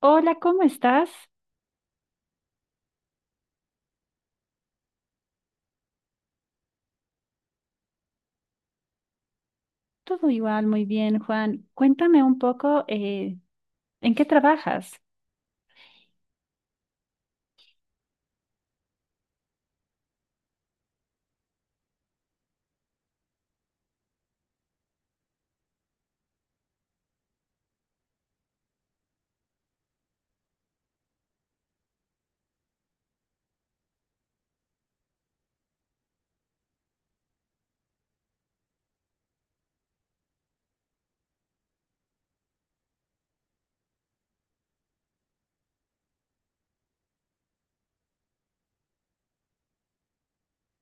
Hola, ¿cómo estás? Todo igual, muy bien, Juan. Cuéntame un poco, ¿en qué trabajas?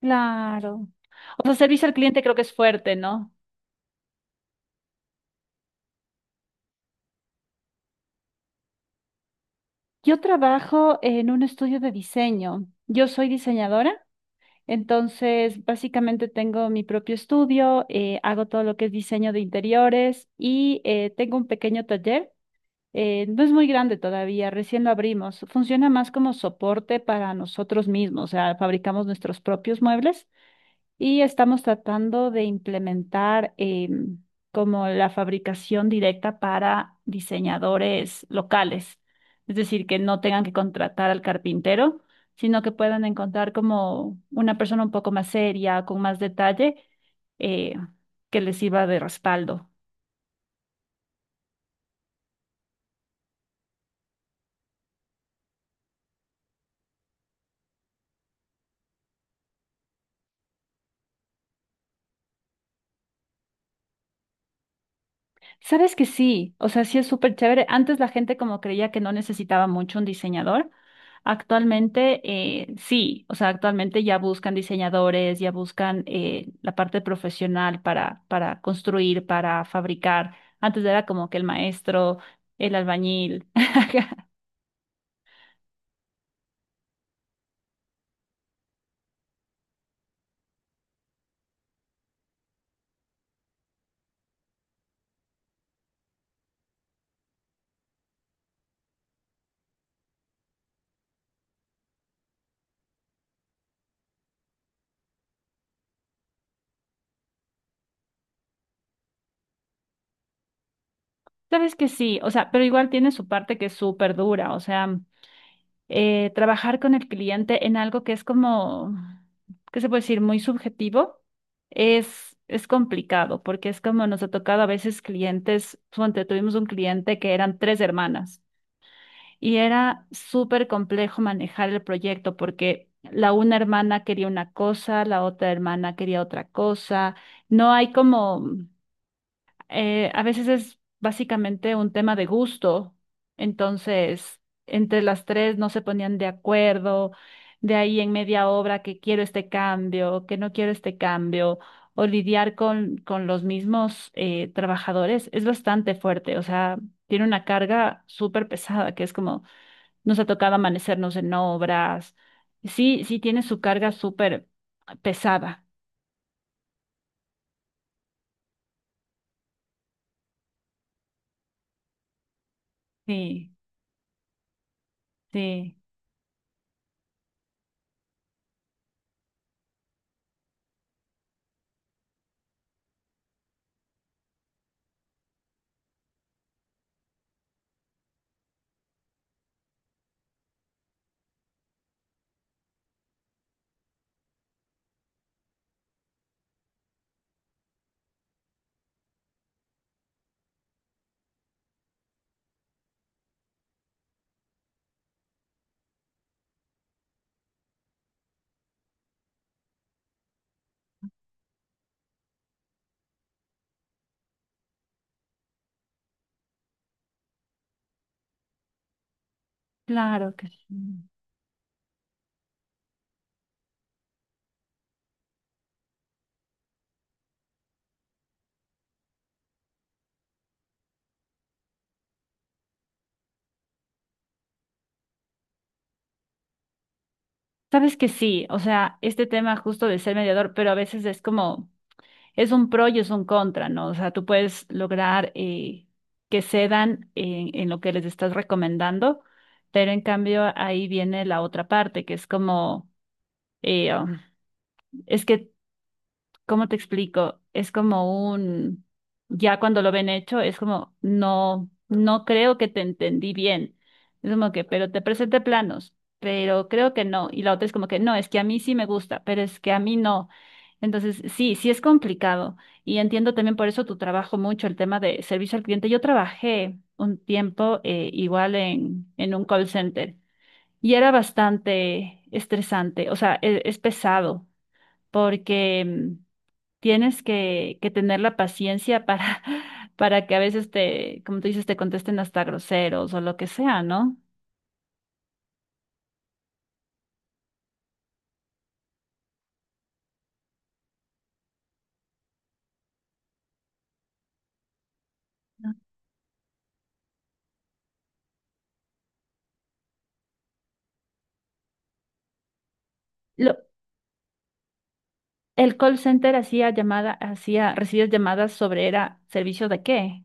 Claro. O sea, servicio al cliente creo que es fuerte, ¿no? Yo trabajo en un estudio de diseño. Yo soy diseñadora, entonces básicamente tengo mi propio estudio, hago todo lo que es diseño de interiores y tengo un pequeño taller. No es muy grande todavía, recién lo abrimos. Funciona más como soporte para nosotros mismos, o sea, fabricamos nuestros propios muebles. Y estamos tratando de implementar em, como la fabricación directa para diseñadores locales, es decir, que no tengan que contratar al carpintero, sino que puedan encontrar como una persona un poco más seria, con más detalle, eh, que les sirva de respaldo. Sabes que sí, o sea, sí es súper chévere. Antes la gente como creía que no necesitaba mucho un diseñador. Actualmente sí, o sea, actualmente ya buscan diseñadores, ya buscan la parte profesional para construir, para fabricar. Antes era como que el maestro, el albañil. Sabes que sí, o sea, pero igual tiene su parte que es súper dura, o sea. Trabajar con el cliente en algo que es como, ¿qué se puede decir? Muy subjetivo, es complicado porque es como nos ha tocado a veces clientes, ponte, tuvimos un cliente que eran tres hermanas y era súper complejo manejar el proyecto porque la una hermana quería una cosa, la otra hermana quería otra cosa, no hay como a veces es básicamente un tema de gusto, entonces entre las tres no se ponían de acuerdo, de ahí en media obra que quiero este cambio, que no quiero este cambio, o lidiar con los mismos trabajadores es bastante fuerte, o sea, tiene una carga súper pesada, que es como nos ha tocado amanecernos en obras, sí, tiene su carga súper pesada, sí, sí, claro que sí. Sabes que sí, o sea, este tema justo de ser mediador, pero a veces es como, es un pro y es un contra, ¿no? O sea, tú puedes lograr que cedan en lo que les estás recomendando, pero en cambio ahí viene la otra parte, que es como, eh, um, es que ¿cómo te explico? Es como un, ya cuando lo ven hecho, es como, no, no creo que te entendí bien. Es como que, pero te presenté planos, pero creo que no. Y la otra es como que, no, es que a mí sí me gusta, pero es que a mí no. Entonces, sí es complicado. Y entiendo también por eso tu trabajo mucho, el tema de servicio al cliente. Yo trabajé un tiempo igual en un call center y era bastante estresante, o sea, es pesado porque... tienes que tener la paciencia para, para que a veces te, como tú dices, te contesten hasta groseros o lo que sea, ¿no? Lo, el call center hacía llamada, hacía, recibías llamadas sobre era servicio de qué.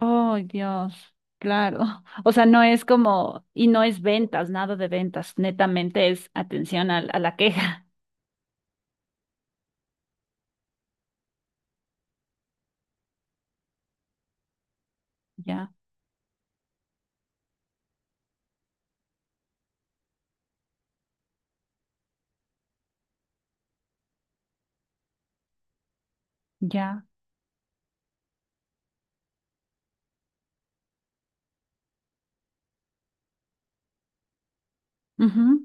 Oh, Dios, claro. O sea, no es como, y no es ventas, nada de ventas, netamente es atención a, la queja. Ya, ya. Ujú.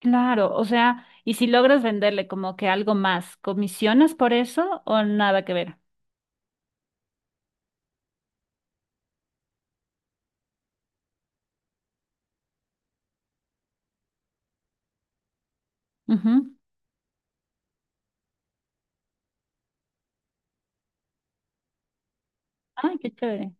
Claro, o sea, y si logras venderle como que algo más, ¿comisionas por eso o nada que ver? Ay, qué chévere.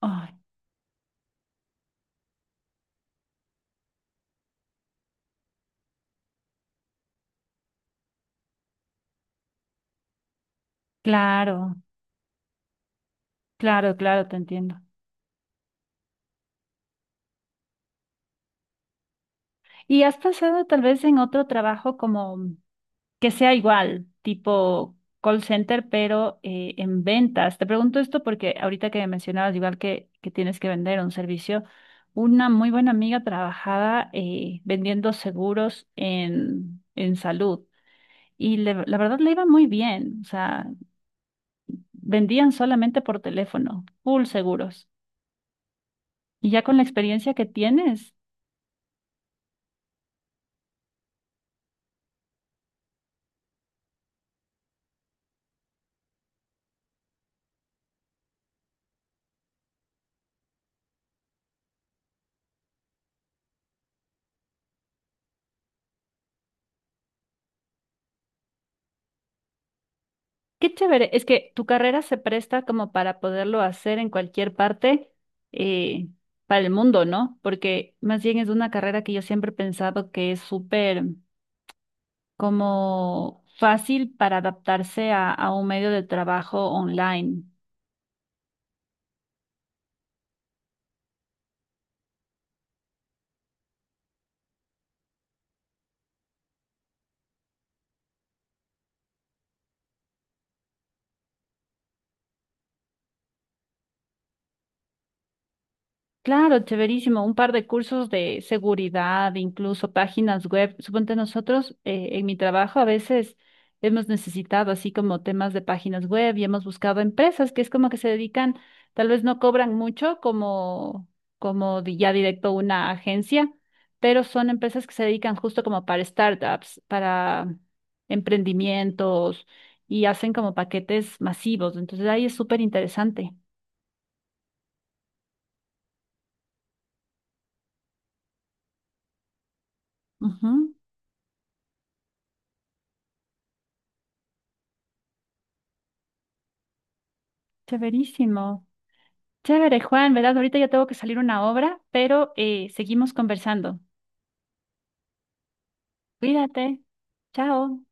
Ay, claro, claro, te entiendo. ¿Y has pasado tal vez en otro trabajo como que sea igual, tipo call center, pero en ventas? Te pregunto esto porque ahorita que mencionabas, igual que tienes que vender un servicio, una muy buena amiga trabajaba vendiendo seguros en salud y la verdad le iba muy bien, o sea, vendían solamente por teléfono, full seguros. Y ya con la experiencia que tienes qué chévere, es que tu carrera se presta como para poderlo hacer en cualquier parte eh, para el mundo, ¿no? Porque más bien es una carrera que yo siempre he pensado que es súper como fácil para adaptarse a un medio de trabajo online. Claro, chéverísimo. Un par de cursos de seguridad, incluso páginas web. Suponte nosotros en mi trabajo a veces hemos necesitado así como temas de páginas web y hemos buscado empresas que es como que se dedican, tal vez no cobran mucho como, como ya directo una agencia, pero son empresas que se dedican justo como para startups, para emprendimientos y hacen como paquetes masivos. Entonces ahí es súper interesante. Ujú. Chéverísimo. Chévere, Juan, ¿verdad? Ahorita ya tengo que salir una obra, pero seguimos conversando. Cuídate. Chao.